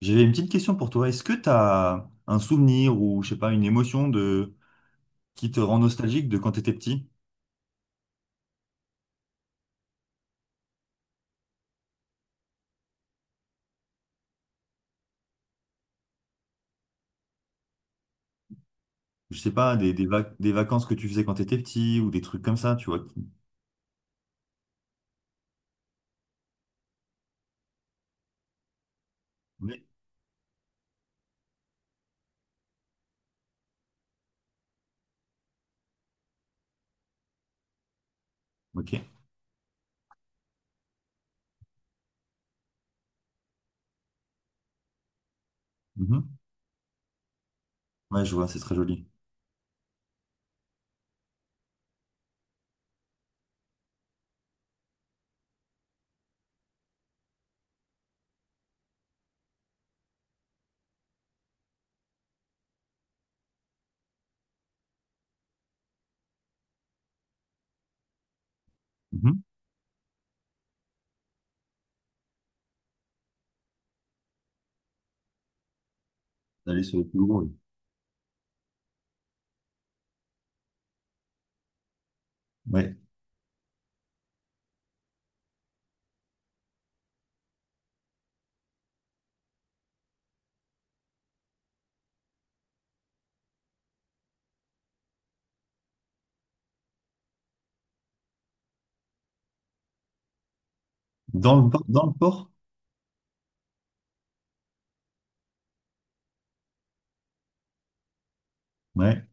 J'avais une petite question pour toi. Est-ce que tu as un souvenir ou, je sais pas, une émotion de qui te rend nostalgique de quand tu étais petit? Je sais pas, des vacances que tu faisais quand tu étais petit ou des trucs comme ça, tu vois. Qui- Oui. Ok. Mhm. Ouais, je vois, c'est très joli. Mhm. D'aller sur le plus gros, oui. Ouais. Dans le port? Ouais.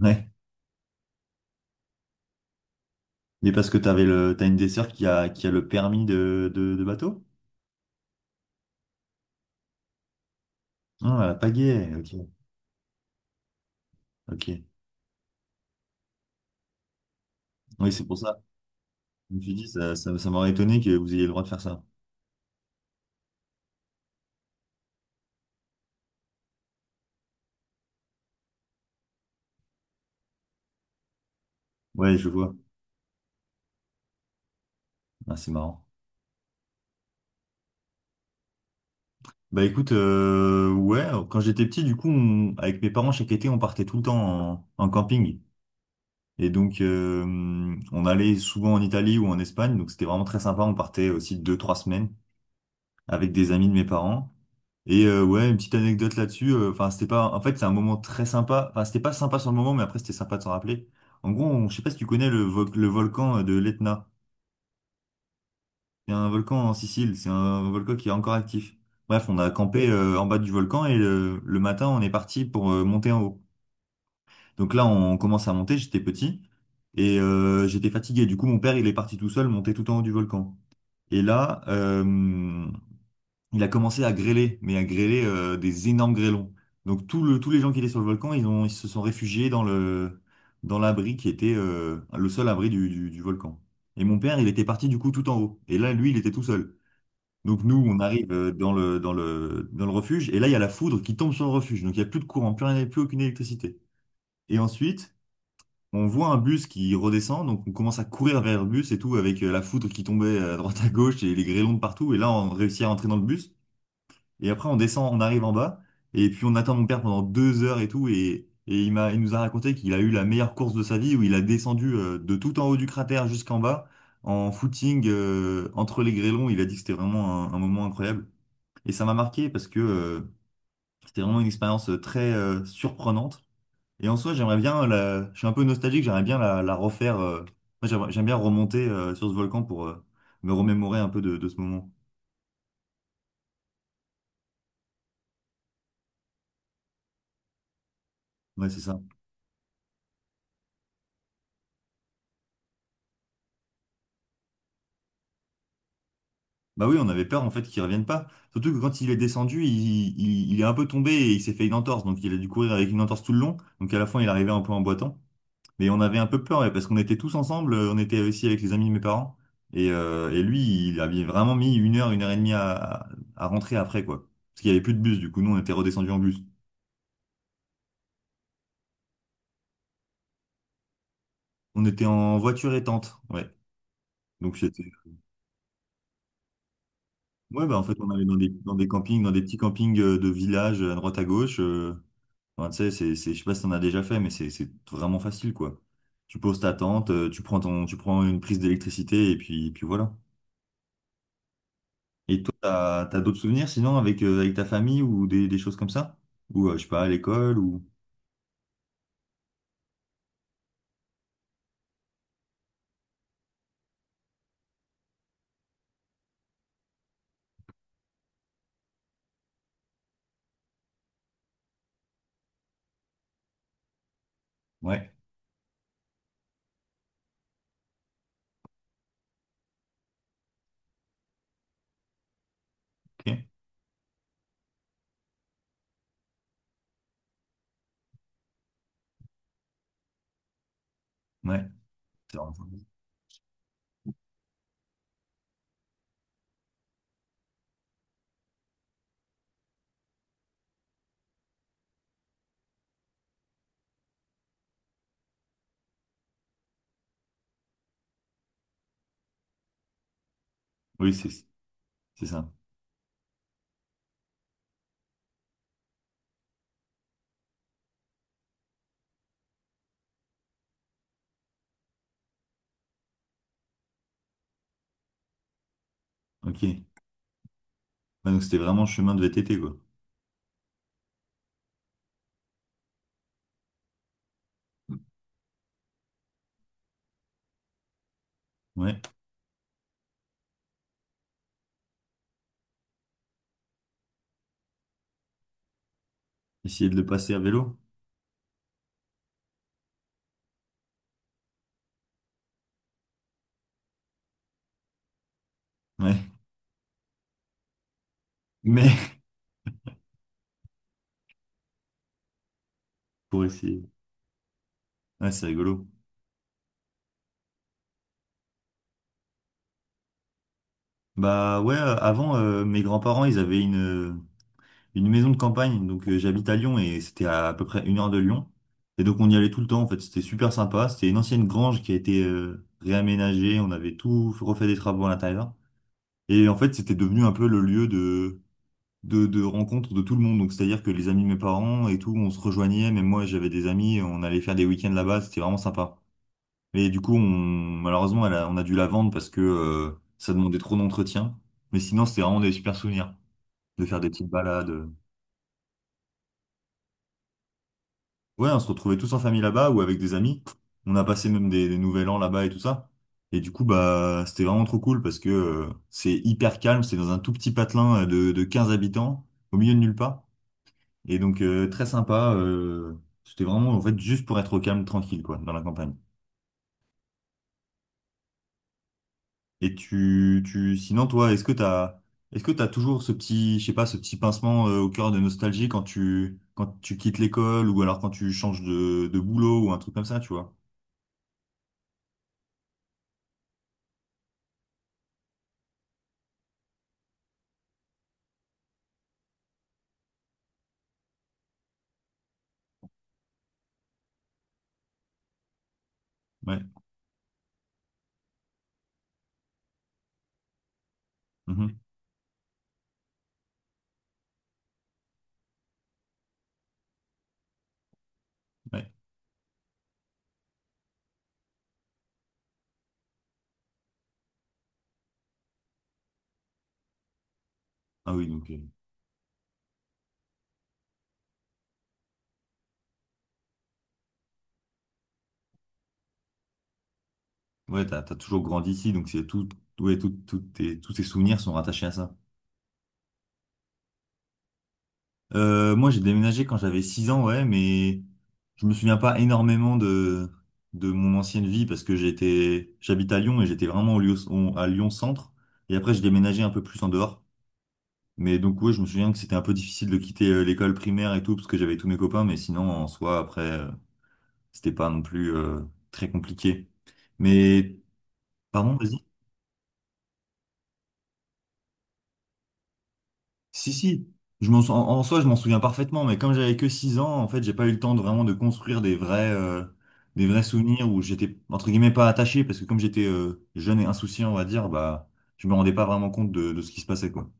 Ouais. Mais parce que tu avais le, t'as une des sœurs qui a le permis de bateau? Ah, à la pagaie. Ok. Ok. Oui, c'est pour ça. Je me suis dit, ça m'aurait étonné que vous ayez le droit de faire ça. Ouais, je vois. Ah, c'est marrant. Bah écoute, ouais, quand j'étais petit, du coup, on- avec mes parents, chaque été, on partait tout le temps en, en camping. Et donc, on allait souvent en Italie ou en Espagne, donc c'était vraiment très sympa. On partait aussi deux, trois semaines avec des amis de mes parents. Et ouais, une petite anecdote là-dessus. Enfin, c'était pas. En fait, c'est un moment très sympa. Enfin, c'était pas sympa sur le moment, mais après, c'était sympa de s'en rappeler. En gros, on- je sais pas si tu connais le volcan de l'Etna. Il y a un volcan en Sicile, c'est un volcan qui est encore actif. Bref, on a campé en bas du volcan et le matin, on est parti pour monter en haut. Donc là, on commence à monter, j'étais petit et j'étais fatigué. Du coup, mon père, il est parti tout seul monter tout en haut du volcan. Et là, il a commencé à grêler, mais à grêler des énormes grêlons. Donc tous les gens qui étaient sur le volcan, ils ont, ils se sont réfugiés dans l'abri qui était le seul abri du volcan. Et mon père, il était parti du coup tout en haut. Et là, lui, il était tout seul. Donc nous, on arrive dans le refuge, et là, il y a la foudre qui tombe sur le refuge. Donc il n'y a plus de courant, plus rien, plus aucune électricité. Et ensuite, on voit un bus qui redescend, donc on commence à courir vers le bus et tout, avec la foudre qui tombait à droite à gauche et les grêlons de partout. Et là, on réussit à entrer dans le bus. Et après, on descend, on arrive en bas, et puis on attend mon père pendant 2 heures et tout. Et il nous a raconté qu'il a eu la meilleure course de sa vie, où il a descendu de tout en haut du cratère jusqu'en bas, en footing, entre les grêlons. Il a dit que c'était vraiment un moment incroyable. Et ça m'a marqué parce que c'était vraiment une expérience très surprenante. Et en soi, j'aimerais bien la… Je suis un peu nostalgique, la refaire. Moi, j'aimerais- j'aime bien remonter sur ce volcan pour me remémorer un peu de ce moment. Ouais, c'est ça. Bah oui, on avait peur en fait qu'il revienne pas. Surtout que quand il est descendu, il est un peu tombé et il s'est fait une entorse. Donc il a dû courir avec une entorse tout le long. Donc à la fin, il arrivait un peu en boitant. Mais on avait un peu peur, ouais, parce qu'on était tous ensemble, on était aussi avec les amis de mes parents. Et lui, il avait vraiment mis une heure et demie à rentrer après, quoi. Parce qu'il y avait plus de bus, du coup, nous, on était redescendus en bus. On était en voiture et tente, ouais. Donc c'était… Ouais, bah en fait, on allait dans des campings, dans des petits campings de village à droite à gauche. Enfin, tu sais, je sais pas si t'en as déjà fait, mais c'est vraiment facile, quoi. Tu poses ta tente, tu prends une prise d'électricité, et puis, puis voilà. Et toi, t'as, t'as d'autres souvenirs sinon avec, avec ta famille ou des choses comme ça? Ou je sais pas, à l'école ou. Ouais, ok. Ouais. C'est vraiment- sympa. Oui, c'est ça. Ok. Ouais, donc c'était vraiment chemin de VTT, quoi. Ouais. Essayer de le passer à vélo. Ouais. Mais pour essayer. Ouais, c'est rigolo. Bah ouais, avant, mes grands-parents, ils avaient une. Une maison de campagne, donc j'habite à Lyon et c'était à peu près une heure de Lyon. Et donc on y allait tout le temps en fait, c'était super sympa. C'était une ancienne grange qui a été réaménagée, on avait tout refait des travaux à l'intérieur. Et en fait c'était devenu un peu le lieu de rencontre de tout le monde. Donc c'est-à-dire que les amis de mes parents et tout, on se rejoignait, même moi j'avais des amis, on allait faire des week-ends là-bas, c'était vraiment sympa. Mais du coup on, malheureusement elle a- on a dû la vendre parce que ça demandait trop d'entretien. Mais sinon c'était vraiment des super souvenirs de faire des petites balades. Ouais, on se retrouvait tous en famille là-bas ou avec des amis. On a passé même des nouvel an là-bas et tout ça. Et du coup, bah, c'était vraiment trop cool parce que c'est hyper calme. C'est dans un tout petit patelin de 15 habitants, au milieu de nulle part. Et donc, très sympa. C'était vraiment, en fait, juste pour être au calme, tranquille, quoi, dans la campagne. Et sinon, toi, est-ce que t'as toujours ce petit, je sais pas, ce petit pincement au cœur de nostalgie quand quand tu quittes l'école ou alors quand tu changes de boulot ou un truc comme ça, tu vois? Ouais. Mhm. Ouais. Ah oui, donc, ouais, t'as toujours grandi ici, donc c'est tout, ouais, tous tes souvenirs sont rattachés à ça. Moi, j'ai déménagé quand j'avais 6 ans, ouais, mais je me souviens pas énormément de mon ancienne vie parce que j'étais, j'habite à Lyon et j'étais vraiment à Lyon centre. Et après, j'ai déménagé un peu plus en dehors. Mais donc, ouais, je me souviens que c'était un peu difficile de quitter l'école primaire et tout parce que j'avais tous mes copains, mais sinon, en soi, après, c'était pas non plus très compliqué. Mais, pardon, vas-y. Si, si, je m'en, sou- en, en soi, je m'en souviens parfaitement, mais comme j'avais que 6 ans, en fait, j'ai pas eu le temps de vraiment de construire des vrais souvenirs où j'étais, entre guillemets, pas attaché, parce que comme j'étais jeune et insouciant, on va dire, bah, je me rendais pas vraiment compte de ce qui se passait, quoi.